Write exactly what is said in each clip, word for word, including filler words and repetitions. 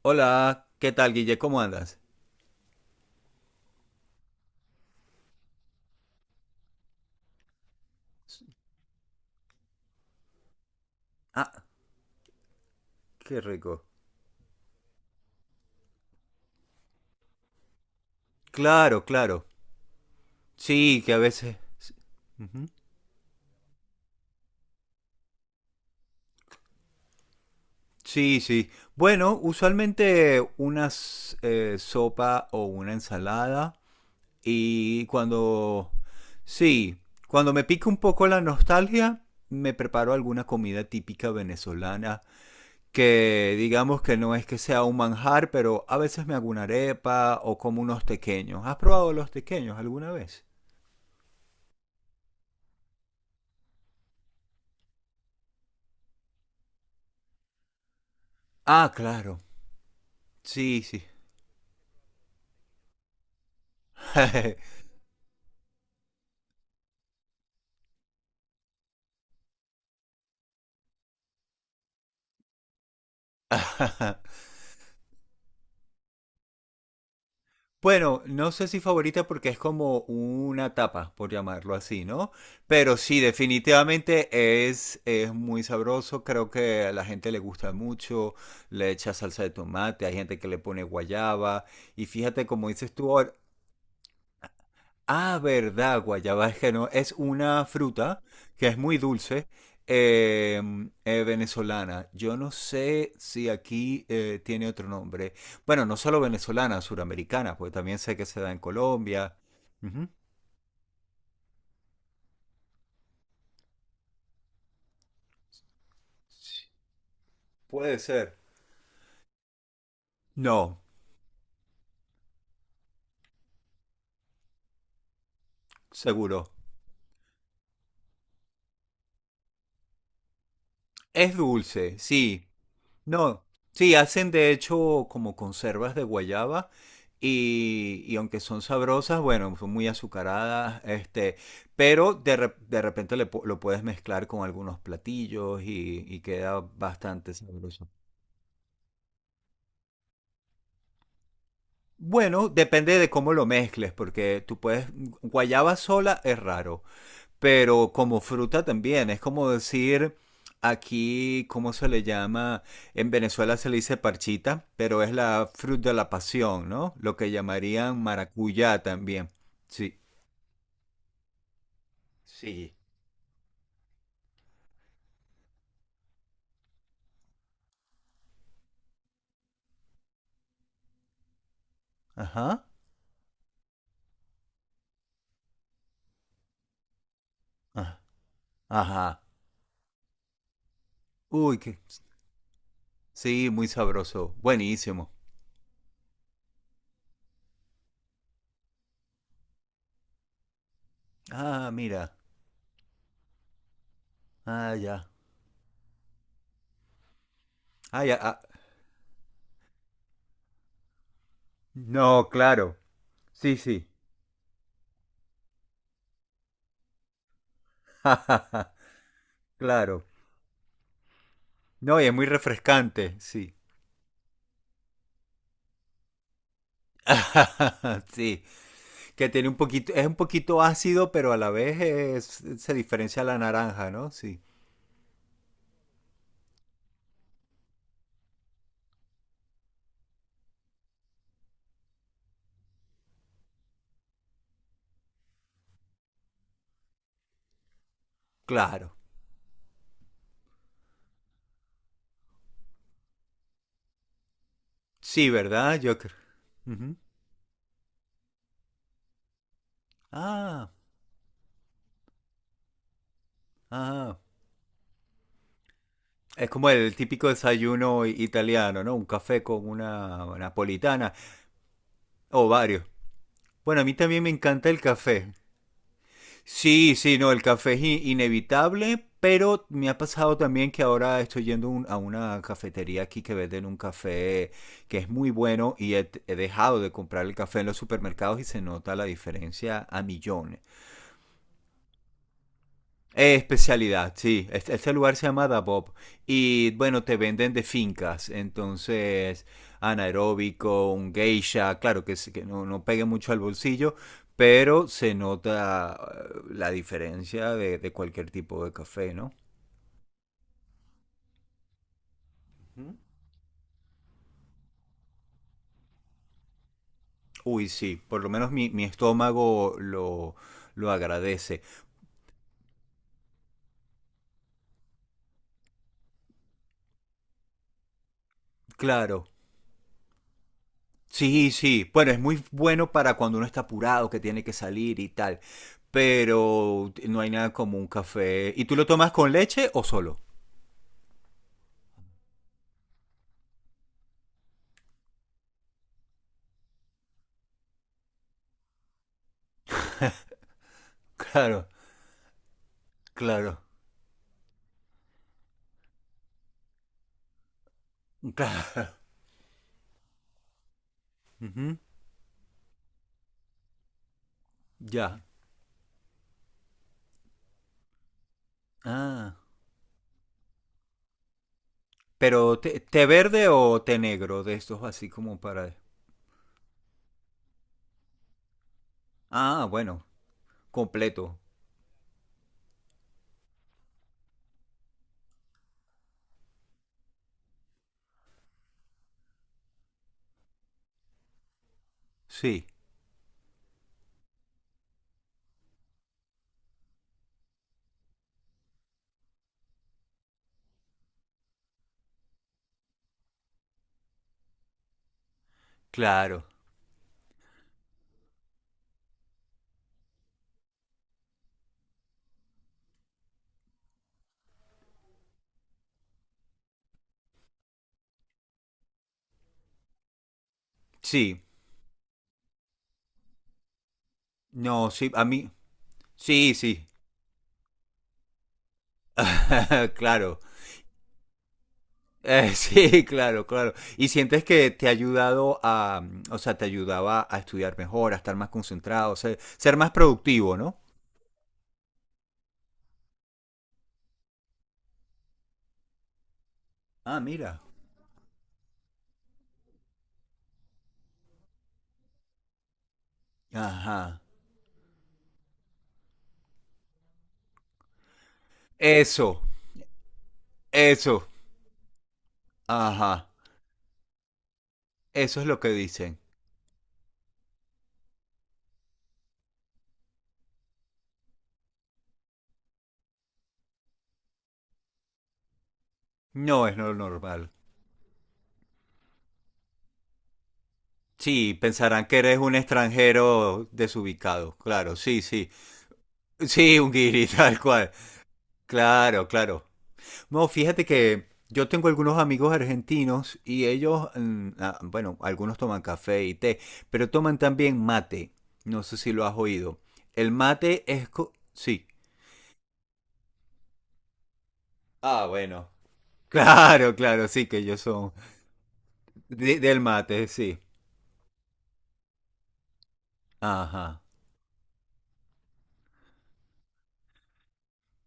Hola, ¿qué tal, Guille? ¿Cómo andas? Ah, qué rico. Claro, claro. Sí, que a veces... Ujú. Sí, sí. Bueno, usualmente una s- eh, sopa o una ensalada. Y cuando... Sí, cuando me pica un poco la nostalgia, me preparo alguna comida típica venezolana. Que digamos que no es que sea un manjar, pero a veces me hago una arepa o como unos tequeños. ¿Has probado los tequeños alguna vez? Ah, claro. Sí, sí. Bueno, no sé si favorita porque es como una tapa, por llamarlo así, ¿no? Pero sí, definitivamente es, es muy sabroso, creo que a la gente le gusta mucho, le echa salsa de tomate, hay gente que le pone guayaba, y fíjate como dices tú, Ah, verdad, guayaba es que no, es una fruta que es muy dulce, eh, eh, venezolana. Yo no sé si aquí eh, tiene otro nombre. Bueno, no solo venezolana, suramericana, porque también sé que se da en Colombia. Ujú. Sí. Puede ser. No, seguro. Es dulce, sí. No, sí, hacen de hecho como conservas de guayaba y, y aunque son sabrosas, bueno, son muy azucaradas, este, pero de, rep- de repente le pu- lo puedes mezclar con algunos platillos y, y queda bastante sabroso. Bueno, depende de cómo lo mezcles, porque tú puedes, guayaba sola es raro, pero como fruta también, es como decir aquí, ¿cómo se le llama? En Venezuela se le dice parchita, pero es la fruta de la pasión, ¿no? Lo que llamarían maracuyá también. Sí. Sí. Ajá. Ah. Ajá. Uy, qué. Sí, muy sabroso. Buenísimo. Ah, mira. Ah, ya. Ah, ya. Ah. No, claro. Sí, sí. Claro. No, y es muy refrescante, sí. Sí. Que tiene un poquito, es un poquito ácido, pero a la vez es- se diferencia a la naranja, ¿no? Sí, claro. Sí, ¿verdad? Yo creo. Ujú. Ah, ah. Es como el típico desayuno i- italiano, ¿no? Un café con una napolitana o varios. Bueno, a mí también me encanta el café. Sí, sí, no, el café es i- inevitable, pero me ha pasado también que ahora estoy yendo un- a una cafetería aquí que venden un café que es muy bueno y he, he dejado de comprar el café en los supermercados y se nota la diferencia a millones. Eh, especialidad, sí. Este, este lugar se llama Dabob. Y bueno, te venden de fincas. Entonces, anaeróbico, un geisha, claro que, sí, que no, no pegue mucho al bolsillo, pero se nota eh, la diferencia de, de cualquier tipo de café, ¿no? Uy, sí, por lo menos mi, mi estómago lo, lo agradece. Claro, sí, sí. Bueno, es muy bueno para cuando uno está apurado, que tiene que salir y tal. Pero no hay nada como un café. ¿Y tú lo tomas con leche o solo? Claro, claro, claro. Ujú, ya. Ah. Pero té, té verde o té negro de estos así como para... Ah, bueno, completo. Sí, claro. Sí. No, sí, a mí... Sí, sí. Claro. Eh, sí, claro, claro. ¿Y sientes que te ha ayudado a, mm, o sea, te ayudaba a estudiar mejor, a estar más concentrado, ser, ser más productivo, ¿no? Ah, mira. Ajá. Eso, eso. Ajá. Eso es lo que dicen. No es lo normal. Sí, pensarán que eres un extranjero desubicado. Claro, sí, sí. Sí, un guiri, tal cual. Claro, claro. No, fíjate que yo tengo algunos amigos argentinos y ellos, mm, ah, bueno, algunos toman café y té, pero toman también mate. No sé si lo has oído. El mate es... co- Sí. Ah, bueno. Claro, claro, sí, que ellos son de- del mate, sí. Ajá.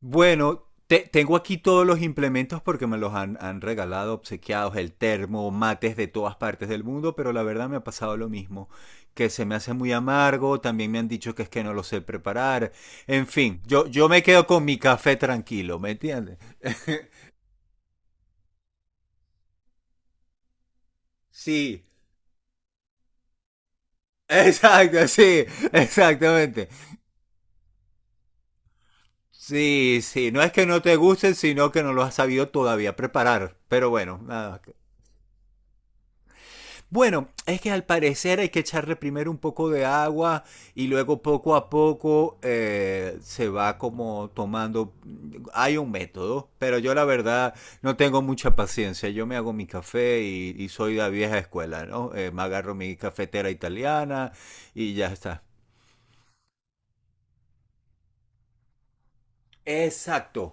Bueno, te- tengo aquí todos los implementos porque me los han, han regalado, obsequiados, el termo, mates de todas partes del mundo, pero la verdad me ha pasado lo mismo, que se me hace muy amargo, también me han dicho que es que no lo sé preparar, en fin, yo, yo me quedo con mi café tranquilo, ¿me entiendes? Sí, exacto, sí, exactamente. Sí, sí, no es que no te gusten, sino que no lo has sabido todavía preparar, pero bueno, nada. Bueno, es que al parecer hay que echarle primero un poco de agua y luego poco a poco eh, se va como tomando. Hay un método, pero yo la verdad no tengo mucha paciencia. Yo me hago mi café y, y soy de la vieja escuela, ¿no? Eh, me agarro mi cafetera italiana y ya está. Exacto.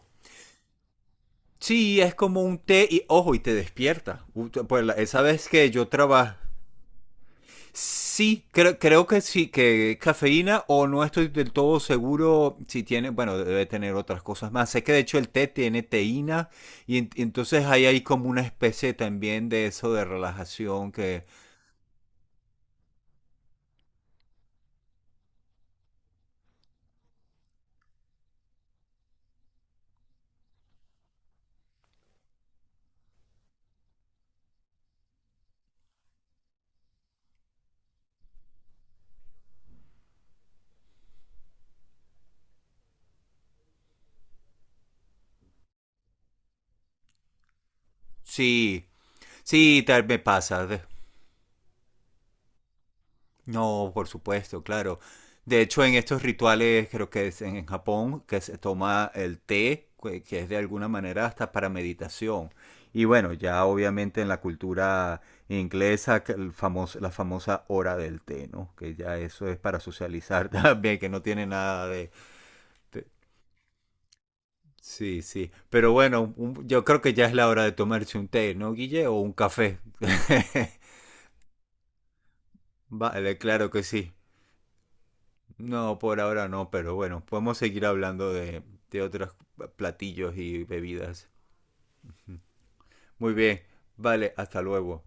Sí, es como un té y ojo, y te despierta. Ut- Pues la- esa vez que yo trabajé. Sí, creo, creo que sí, que cafeína o no estoy del todo seguro si tiene, bueno, debe tener otras cosas más. Sé que de hecho el té tiene teína y, en- y entonces ahí hay como una especie también de eso de relajación que sí, sí, tal me pasa. No, por supuesto, claro. De hecho, en estos rituales, creo que es en en Japón, que se toma el té, que que es de alguna manera hasta para meditación. Y bueno, ya obviamente en la cultura inglesa, que el famoso, la famosa hora del té, ¿no? Que ya eso es para socializar también, que no tiene nada de... de- Sí, sí. Pero bueno, un- yo creo que ya es la hora de tomarse un té, ¿no, Guille? O un café. Vale, claro que sí. No, por ahora no, pero bueno, podemos seguir hablando de, de otros platillos y bebidas. Muy bien, vale, hasta luego.